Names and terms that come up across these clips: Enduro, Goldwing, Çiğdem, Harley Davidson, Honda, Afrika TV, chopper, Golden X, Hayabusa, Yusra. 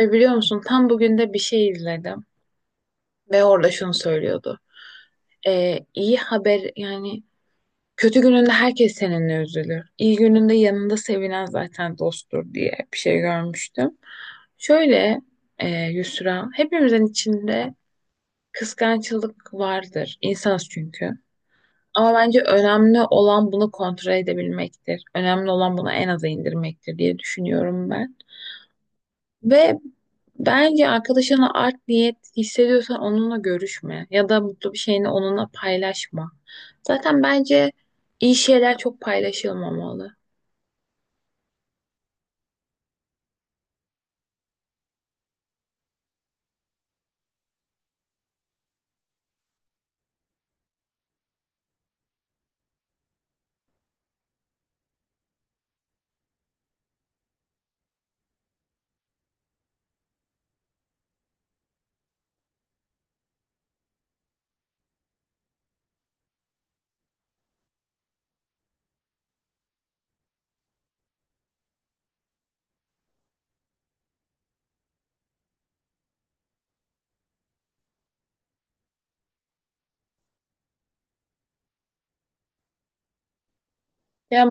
Biliyor musun tam bugün de bir şey izledim ve orada şunu söylüyordu. İyi haber yani kötü gününde herkes seninle üzülür. İyi gününde yanında sevinen zaten dosttur diye bir şey görmüştüm. Şöyle Yusra hepimizin içinde kıskançlık vardır. İnsanız çünkü. Ama bence önemli olan bunu kontrol edebilmektir. Önemli olan bunu en aza indirmektir diye düşünüyorum ben. Ve bence arkadaşına art niyet hissediyorsan onunla görüşme ya da mutlu bir şeyini onunla paylaşma. Zaten bence iyi şeyler çok paylaşılmamalı. Ya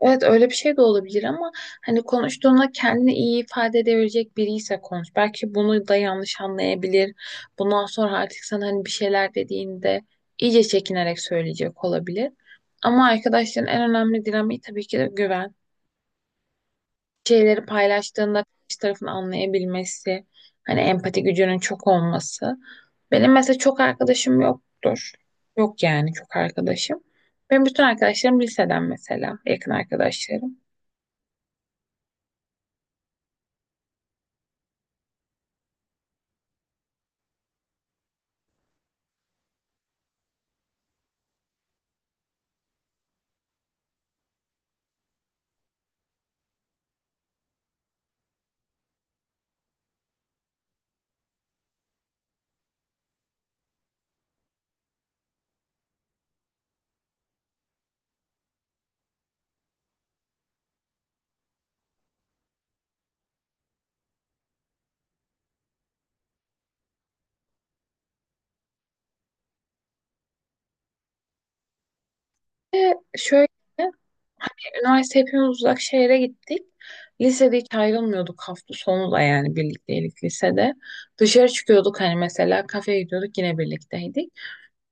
evet öyle bir şey de olabilir ama hani konuştuğunda kendini iyi ifade edebilecek biri ise konuş. Belki bunu da yanlış anlayabilir. Bundan sonra artık sana hani bir şeyler dediğinde iyice çekinerek söyleyecek olabilir. Ama arkadaşların en önemli dinamiği tabii ki de güven. Şeyleri paylaştığında karşı tarafın anlayabilmesi, hani empati gücünün çok olması. Benim mesela çok arkadaşım yoktur. Yok yani çok arkadaşım. Benim bütün arkadaşlarım liseden mesela, yakın arkadaşlarım. Ve şöyle hani üniversite hepimiz uzak şehre gittik. Lisede hiç ayrılmıyorduk hafta sonu da yani birlikteydik lisede. Dışarı çıkıyorduk hani mesela kafeye gidiyorduk yine birlikteydik.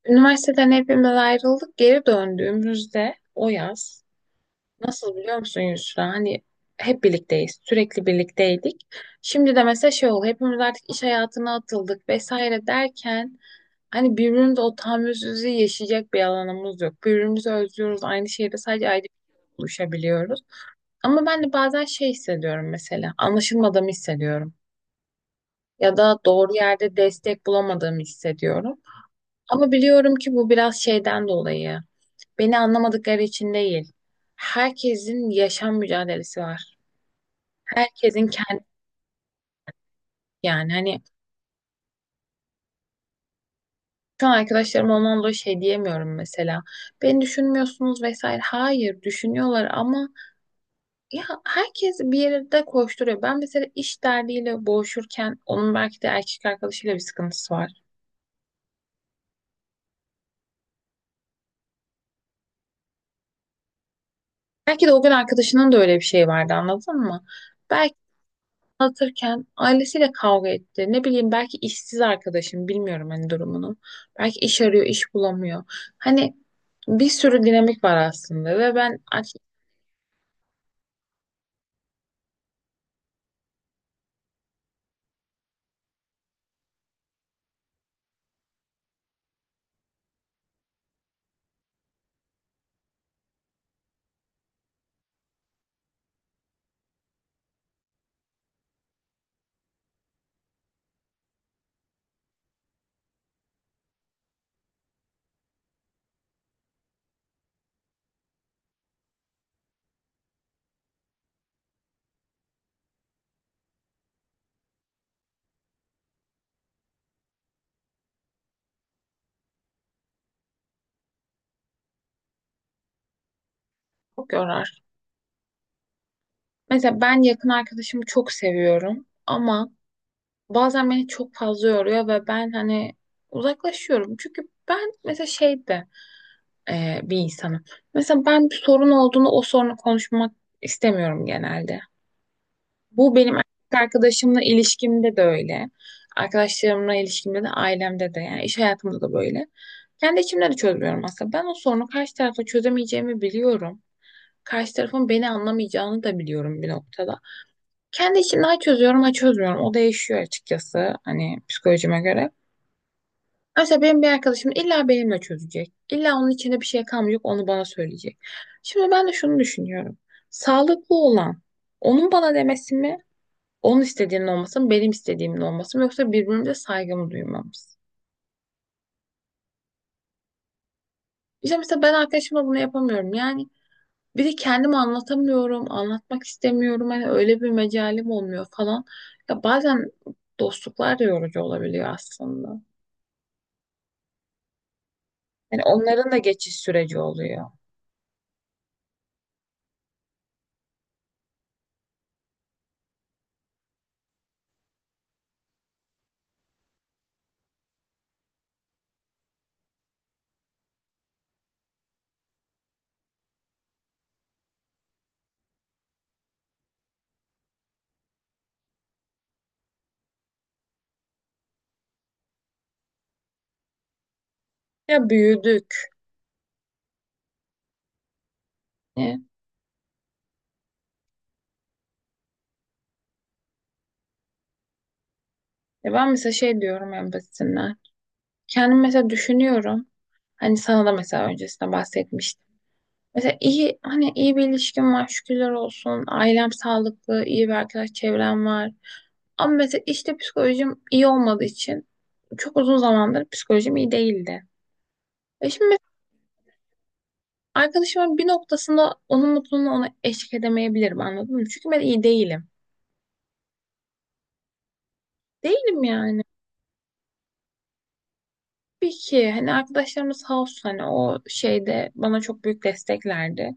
Üniversiteden hepimiz ayrıldık. Geri döndüğümüzde o yaz nasıl biliyor musun Yusra? Hani hep birlikteyiz. Sürekli birlikteydik. Şimdi de mesela şey oldu. Hepimiz artık iş hayatına atıldık vesaire derken hani birbirimize o tahammülsüzlüğü yaşayacak bir alanımız yok. Birbirimizi özlüyoruz. Aynı şehirde sadece ayrı buluşabiliyoruz. Ama ben de bazen şey hissediyorum mesela. Anlaşılmadığımı hissediyorum. Ya da doğru yerde destek bulamadığımı hissediyorum. Ama biliyorum ki bu biraz şeyden dolayı. Beni anlamadıkları için değil. Herkesin yaşam mücadelesi var. Herkesin kendi yani hani şu an arkadaşlarım ondan dolayı şey diyemiyorum mesela. Beni düşünmüyorsunuz vesaire. Hayır düşünüyorlar ama ya herkes bir yerde koşturuyor. Ben mesela iş derdiyle boğuşurken onun belki de erkek arkadaşıyla bir sıkıntısı var. Belki de o gün arkadaşının da öyle bir şey vardı anladın mı? Belki anlatırken ailesiyle kavga etti. Ne bileyim belki işsiz arkadaşım bilmiyorum hani durumunu. Belki iş arıyor, iş bulamıyor. Hani bir sürü dinamik var aslında ve ben artık çok yorar. Mesela ben yakın arkadaşımı çok seviyorum ama bazen beni çok fazla yoruyor ve ben hani uzaklaşıyorum. Çünkü ben mesela şeyde bir insanım. Mesela ben bir sorun olduğunu o sorunu konuşmak istemiyorum genelde. Bu benim erkek arkadaşımla ilişkimde de öyle. Arkadaşlarımla ilişkimde de ailemde de yani iş hayatımda da böyle. Kendi içimde de çözmüyorum aslında. Ben o sorunu karşı tarafa çözemeyeceğimi biliyorum. Karşı tarafın beni anlamayacağını da biliyorum bir noktada. Kendi içimde ha çözüyorum ha çözmüyorum. O değişiyor açıkçası hani psikolojime göre. Mesela benim bir arkadaşım illa benimle çözecek. İlla onun içinde bir şey kalmayacak onu bana söyleyecek. Şimdi ben de şunu düşünüyorum. Sağlıklı olan onun bana demesi mi? Onun istediğinin olması mı, benim istediğimin olması mı yoksa birbirimize saygımı duymamız. İşte mesela ben arkadaşıma bunu yapamıyorum. Yani bir de kendimi anlatamıyorum, anlatmak istemiyorum. Hani öyle bir mecalim olmuyor falan. Ya bazen dostluklar da yorucu olabiliyor aslında. Yani onların da geçiş süreci oluyor. Ya büyüdük. Yani ya ben mesela şey diyorum en basitinden. Kendim mesela düşünüyorum. Hani sana da mesela öncesinde bahsetmiştim. Mesela iyi hani iyi bir ilişkim var şükürler olsun. Ailem sağlıklı, iyi bir arkadaş çevrem var. Ama mesela işte psikolojim iyi olmadığı için çok uzun zamandır psikolojim iyi değildi. E şimdi mesela arkadaşımın bir noktasında onun mutluluğuna ona eşlik edemeyebilirim anladın mı? Çünkü ben iyi değilim. Değilim yani. Tabii ki hani arkadaşlarımız sağ olsun hani o şeyde bana çok büyük desteklerdi.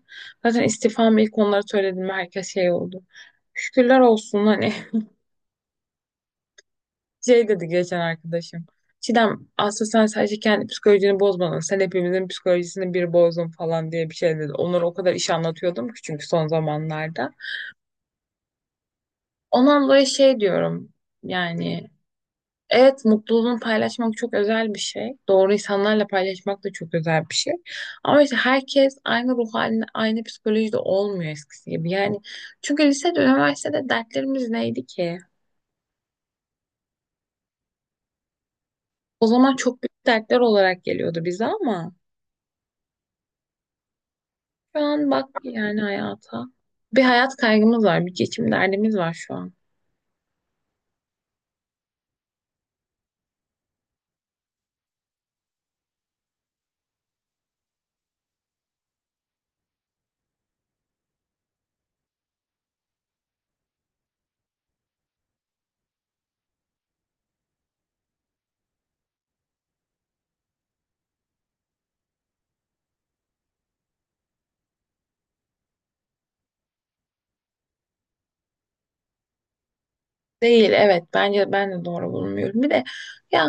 Zaten istifamı ilk onlara söylediğimde herkes şey oldu. Şükürler olsun hani şey dedi geçen arkadaşım. Çiğdem aslında sen sadece kendi psikolojini bozmadın. Sen hepimizin psikolojisini bir bozdun falan diye bir şey dedi. Onlara o kadar iş anlatıyordum ki çünkü son zamanlarda. Ondan dolayı şey diyorum yani evet mutluluğunu paylaşmak çok özel bir şey. Doğru insanlarla paylaşmak da çok özel bir şey. Ama işte herkes aynı ruh halinde aynı psikolojide olmuyor eskisi gibi. Yani çünkü lisede üniversitede dertlerimiz neydi ki? O zaman çok büyük dertler olarak geliyordu bize ama. Şu an bak yani hayata. Bir hayat kaygımız var, bir geçim derdimiz var şu an. Değil, evet. Bence ben de doğru bulmuyorum. Bir de ya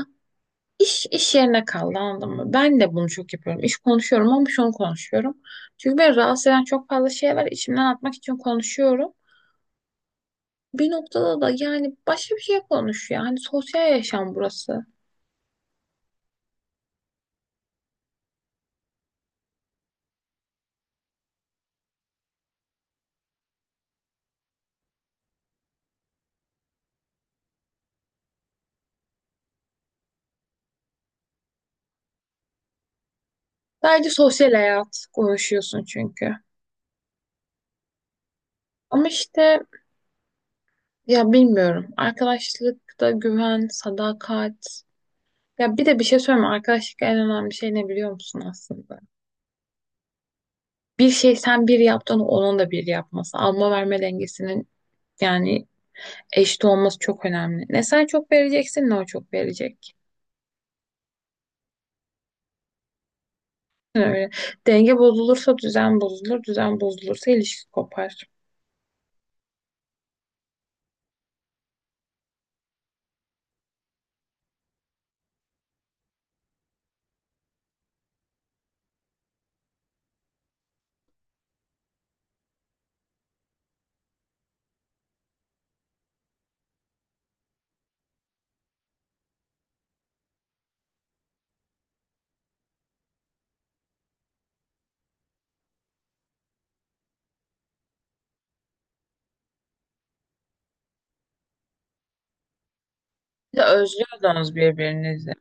iş yerine kaldı anladın mı? Ben de bunu çok yapıyorum. İş konuşuyorum ama şunu konuşuyorum. Çünkü beni rahatsız eden çok fazla şey var. İçimden atmak için konuşuyorum. Bir noktada da yani başka bir şey konuş ya. Hani sosyal yaşam burası. Sadece sosyal hayat konuşuyorsun çünkü. Ama işte ya bilmiyorum. Arkadaşlıkta güven, sadakat. Ya bir de bir şey söyleyeyim mi? Arkadaşlıkta en önemli şey ne biliyor musun aslında? Bir şey sen bir yaptın onun da bir yapması. Alma verme dengesinin yani eşit olması çok önemli. Ne sen çok vereceksin ne o çok verecek. Öyle. Denge bozulursa düzen bozulur, düzen bozulursa ilişki kopar. Bir de özlüyordunuz birbirinizi.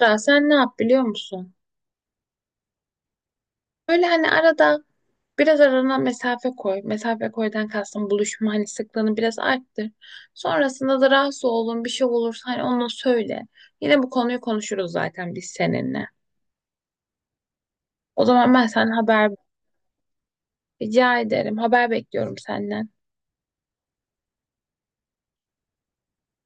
Ya sen ne yap biliyor musun? Böyle hani arada biraz arana mesafe koy. Mesafe koydan kastım buluşma hani sıklığını biraz arttır. Sonrasında da rahatsız olduğun bir şey olursa hani onu söyle. Yine bu konuyu konuşuruz zaten biz seninle. O zaman ben sana haber rica ederim. Haber bekliyorum senden.